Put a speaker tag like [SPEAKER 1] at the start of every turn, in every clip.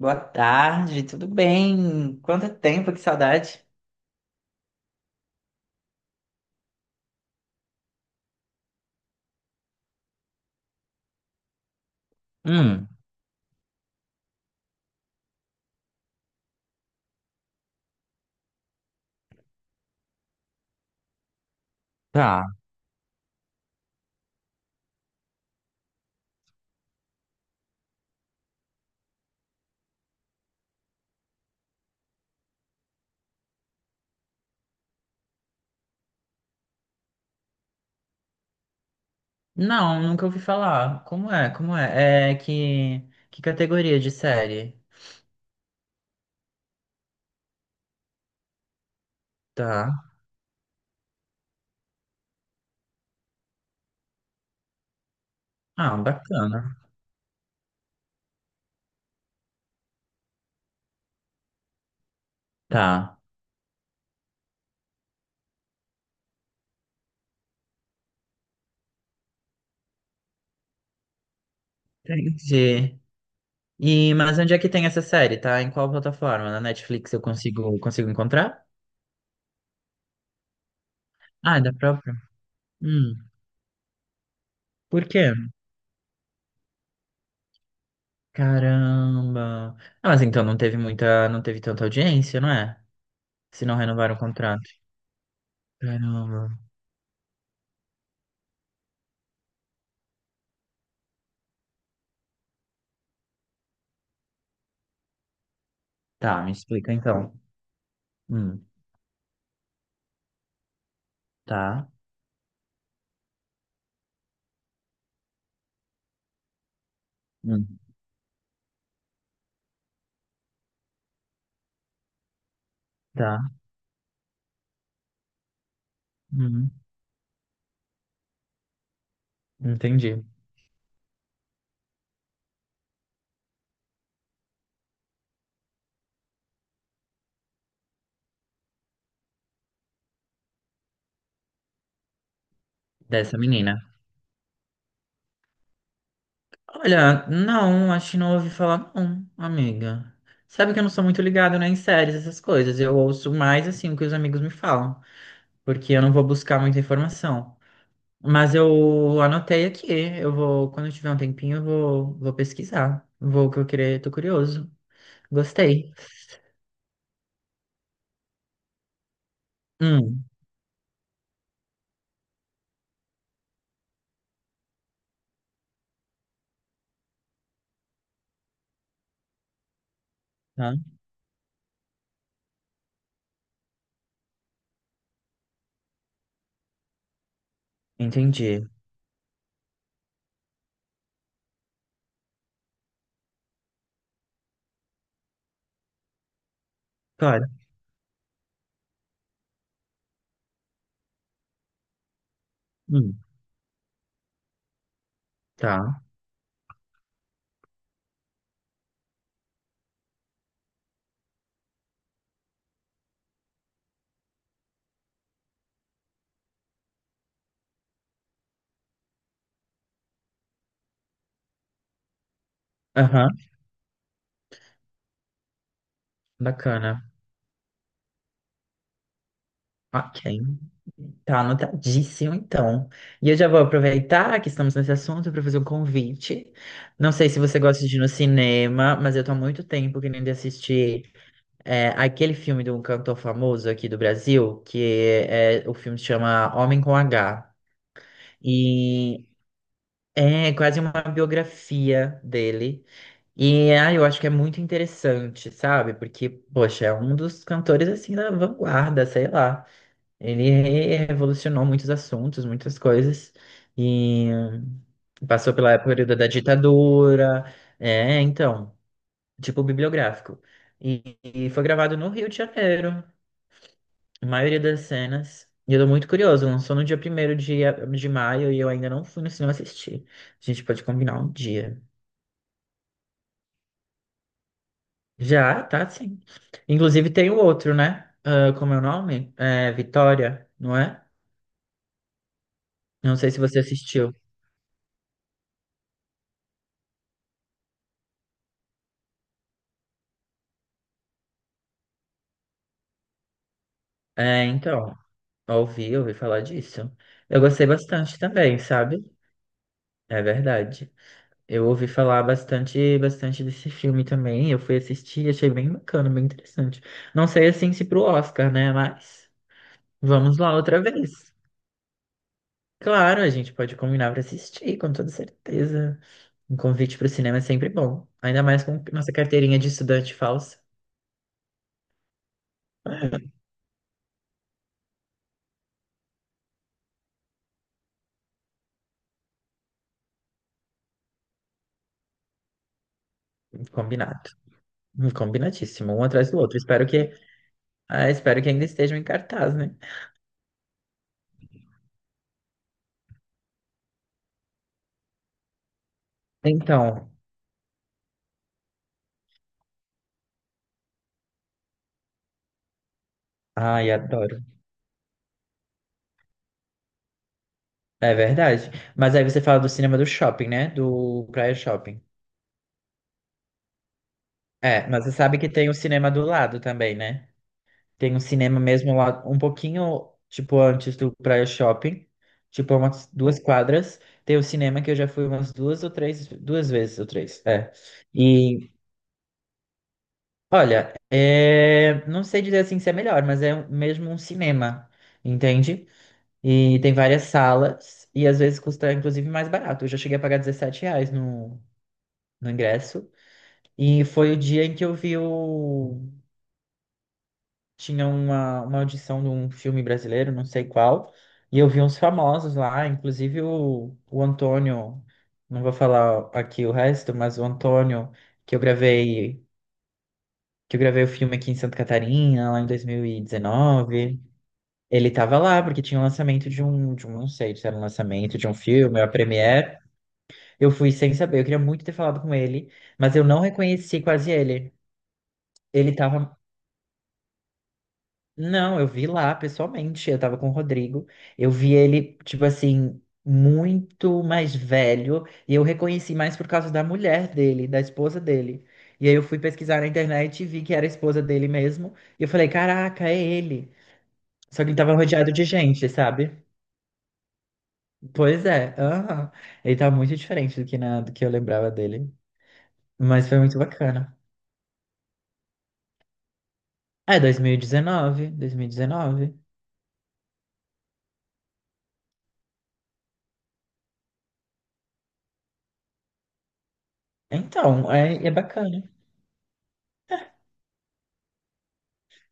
[SPEAKER 1] Boa tarde, tudo bem? Quanto tempo, que saudade. Hum, tá. Não, nunca ouvi falar. Como é? Como é? É que categoria de série? Tá. Ah, bacana. Tá. Entendi. E mas onde é que tem essa série? Tá? Em qual plataforma? Na Netflix eu consigo encontrar? Ah, é da própria. Hum. Por quê? Caramba. Ah, mas então não teve tanta audiência, não é? Se não renovaram o contrato. Caramba. Tá, me explica então. Hum, tá. Hum, tá. Hum, entendi. Dessa menina. Olha, não, acho que não ouvi falar, não, amiga. Sabe que eu não sou muito ligado, né, em séries, essas coisas. Eu ouço mais, assim, o que os amigos me falam. Porque eu não vou buscar muita informação. Mas eu anotei aqui. Eu vou, quando eu tiver um tempinho, eu vou, vou pesquisar. Vou que eu querer, tô curioso. Gostei. Hum, tá. Entendi. Claro. Hum, tá. Aham. Bacana. Ok. Tá anotadíssimo, então. E eu já vou aproveitar que estamos nesse assunto para fazer um convite. Não sei se você gosta de ir no cinema, mas eu tô há muito tempo querendo assistir aquele filme de um cantor famoso aqui do Brasil, que o filme se chama Homem com H. E é quase uma biografia dele. E ah, eu acho que é muito interessante, sabe? Porque, poxa, é um dos cantores assim da vanguarda, sei lá. Ele revolucionou muitos assuntos, muitas coisas, e passou pela época da ditadura, então, tipo bibliográfico. E foi gravado no Rio de Janeiro, a maioria das cenas. E eu tô muito curioso, lançou no dia primeiro de maio e eu ainda não fui no cinema assistir. A gente pode combinar um dia. Já, tá, sim. Inclusive tem o outro, né? Ah, como é o nome? É, Vitória, não é? Não sei se você assistiu. É, então. Ouvi falar disso. Eu gostei bastante também, sabe? É verdade. Eu ouvi falar bastante, bastante desse filme também. Eu fui assistir, achei bem bacana, bem interessante. Não sei assim se pro Oscar, né? Mas vamos lá outra vez. Claro, a gente pode combinar para assistir, com toda certeza. Um convite para o cinema é sempre bom. Ainda mais com nossa carteirinha de estudante falsa. Combinado. Combinadíssimo, um atrás do outro. Espero que, ah, espero que ainda estejam em cartaz, né? Então, ai, adoro. É verdade. Mas aí você fala do cinema do shopping, né? Do Praia Shopping. É, mas você sabe que tem um cinema do lado também, né? Tem um cinema mesmo lá, um pouquinho, tipo, antes do Praia Shopping, tipo, umas duas quadras. Tem o cinema que eu já fui umas duas ou três, duas vezes ou três, é. E, olha, é... não sei dizer assim se é melhor, mas é mesmo um cinema, entende? E tem várias salas, e às vezes custa, inclusive, mais barato. Eu já cheguei a pagar R$ reais no ingresso. E foi o dia em que eu vi o... Tinha uma audição de um filme brasileiro, não sei qual, e eu vi uns famosos lá, inclusive o Antônio, não vou falar aqui o resto, mas o Antônio, que eu gravei, que eu gravei o filme aqui em Santa Catarina, lá em 2019, ele tava lá, porque tinha o lançamento de um, não sei se era um lançamento de um filme, a premiere, eu fui sem saber, eu queria muito ter falado com ele, mas eu não reconheci quase ele. Ele tava Não, eu vi lá pessoalmente. Eu tava com o Rodrigo. Eu vi ele, tipo assim, muito mais velho. E eu reconheci mais por causa da mulher dele, da esposa dele. E aí eu fui pesquisar na internet e vi que era a esposa dele mesmo. E eu falei, caraca, é ele. Só que ele tava rodeado de gente, sabe? Pois é. Aham. Ele tá muito diferente do que eu lembrava dele. Mas foi muito bacana. É, dois mil e 2019. Então, é bacana.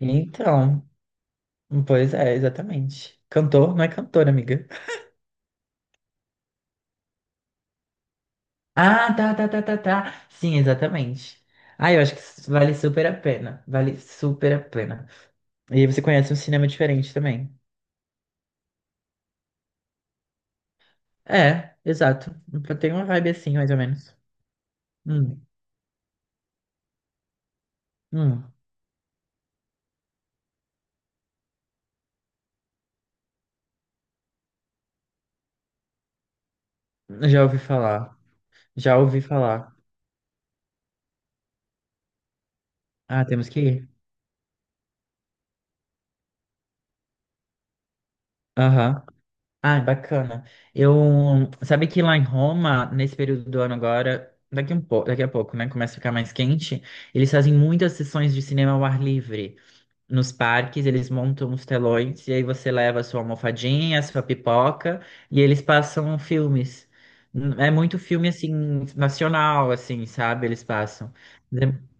[SPEAKER 1] Então. Pois é, exatamente. Cantor não é cantor, amiga. Ah, tá, tá, tá, tá, tá. Sim, exatamente. Ah, eu acho que isso vale super a pena. Vale super a pena. E aí você conhece um cinema diferente também. É, exato. Tem uma vibe assim, mais ou menos. Hum, hum. Já ouvi falar. Já ouvi falar. Ah, temos que ir. Aham. Ah, bacana. Eu, sabe que lá em Roma, nesse período do ano agora, daqui um pouco, daqui a pouco, né, começa a ficar mais quente, eles fazem muitas sessões de cinema ao ar livre. Nos parques, eles montam os telões e aí você leva a sua almofadinha, a sua pipoca e eles passam filmes. É muito filme assim nacional, assim, sabe? Eles passam. É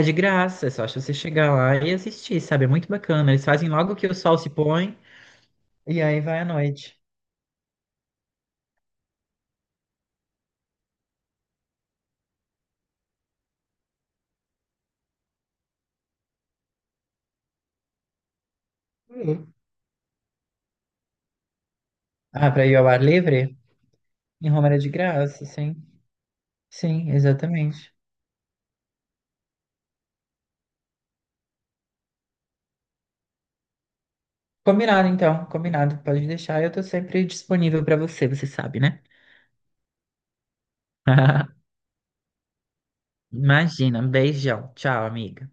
[SPEAKER 1] é de graça, é só você chegar lá e assistir, sabe? É muito bacana. Eles fazem logo que o sol se põe e aí vai à noite. Ah, para ir ao ar livre? Em Roma era de graça, sim. Sim, exatamente. Combinado, então. Combinado. Pode deixar. Eu tô sempre disponível para você, você sabe, né? Imagina. Um beijão. Tchau, amiga.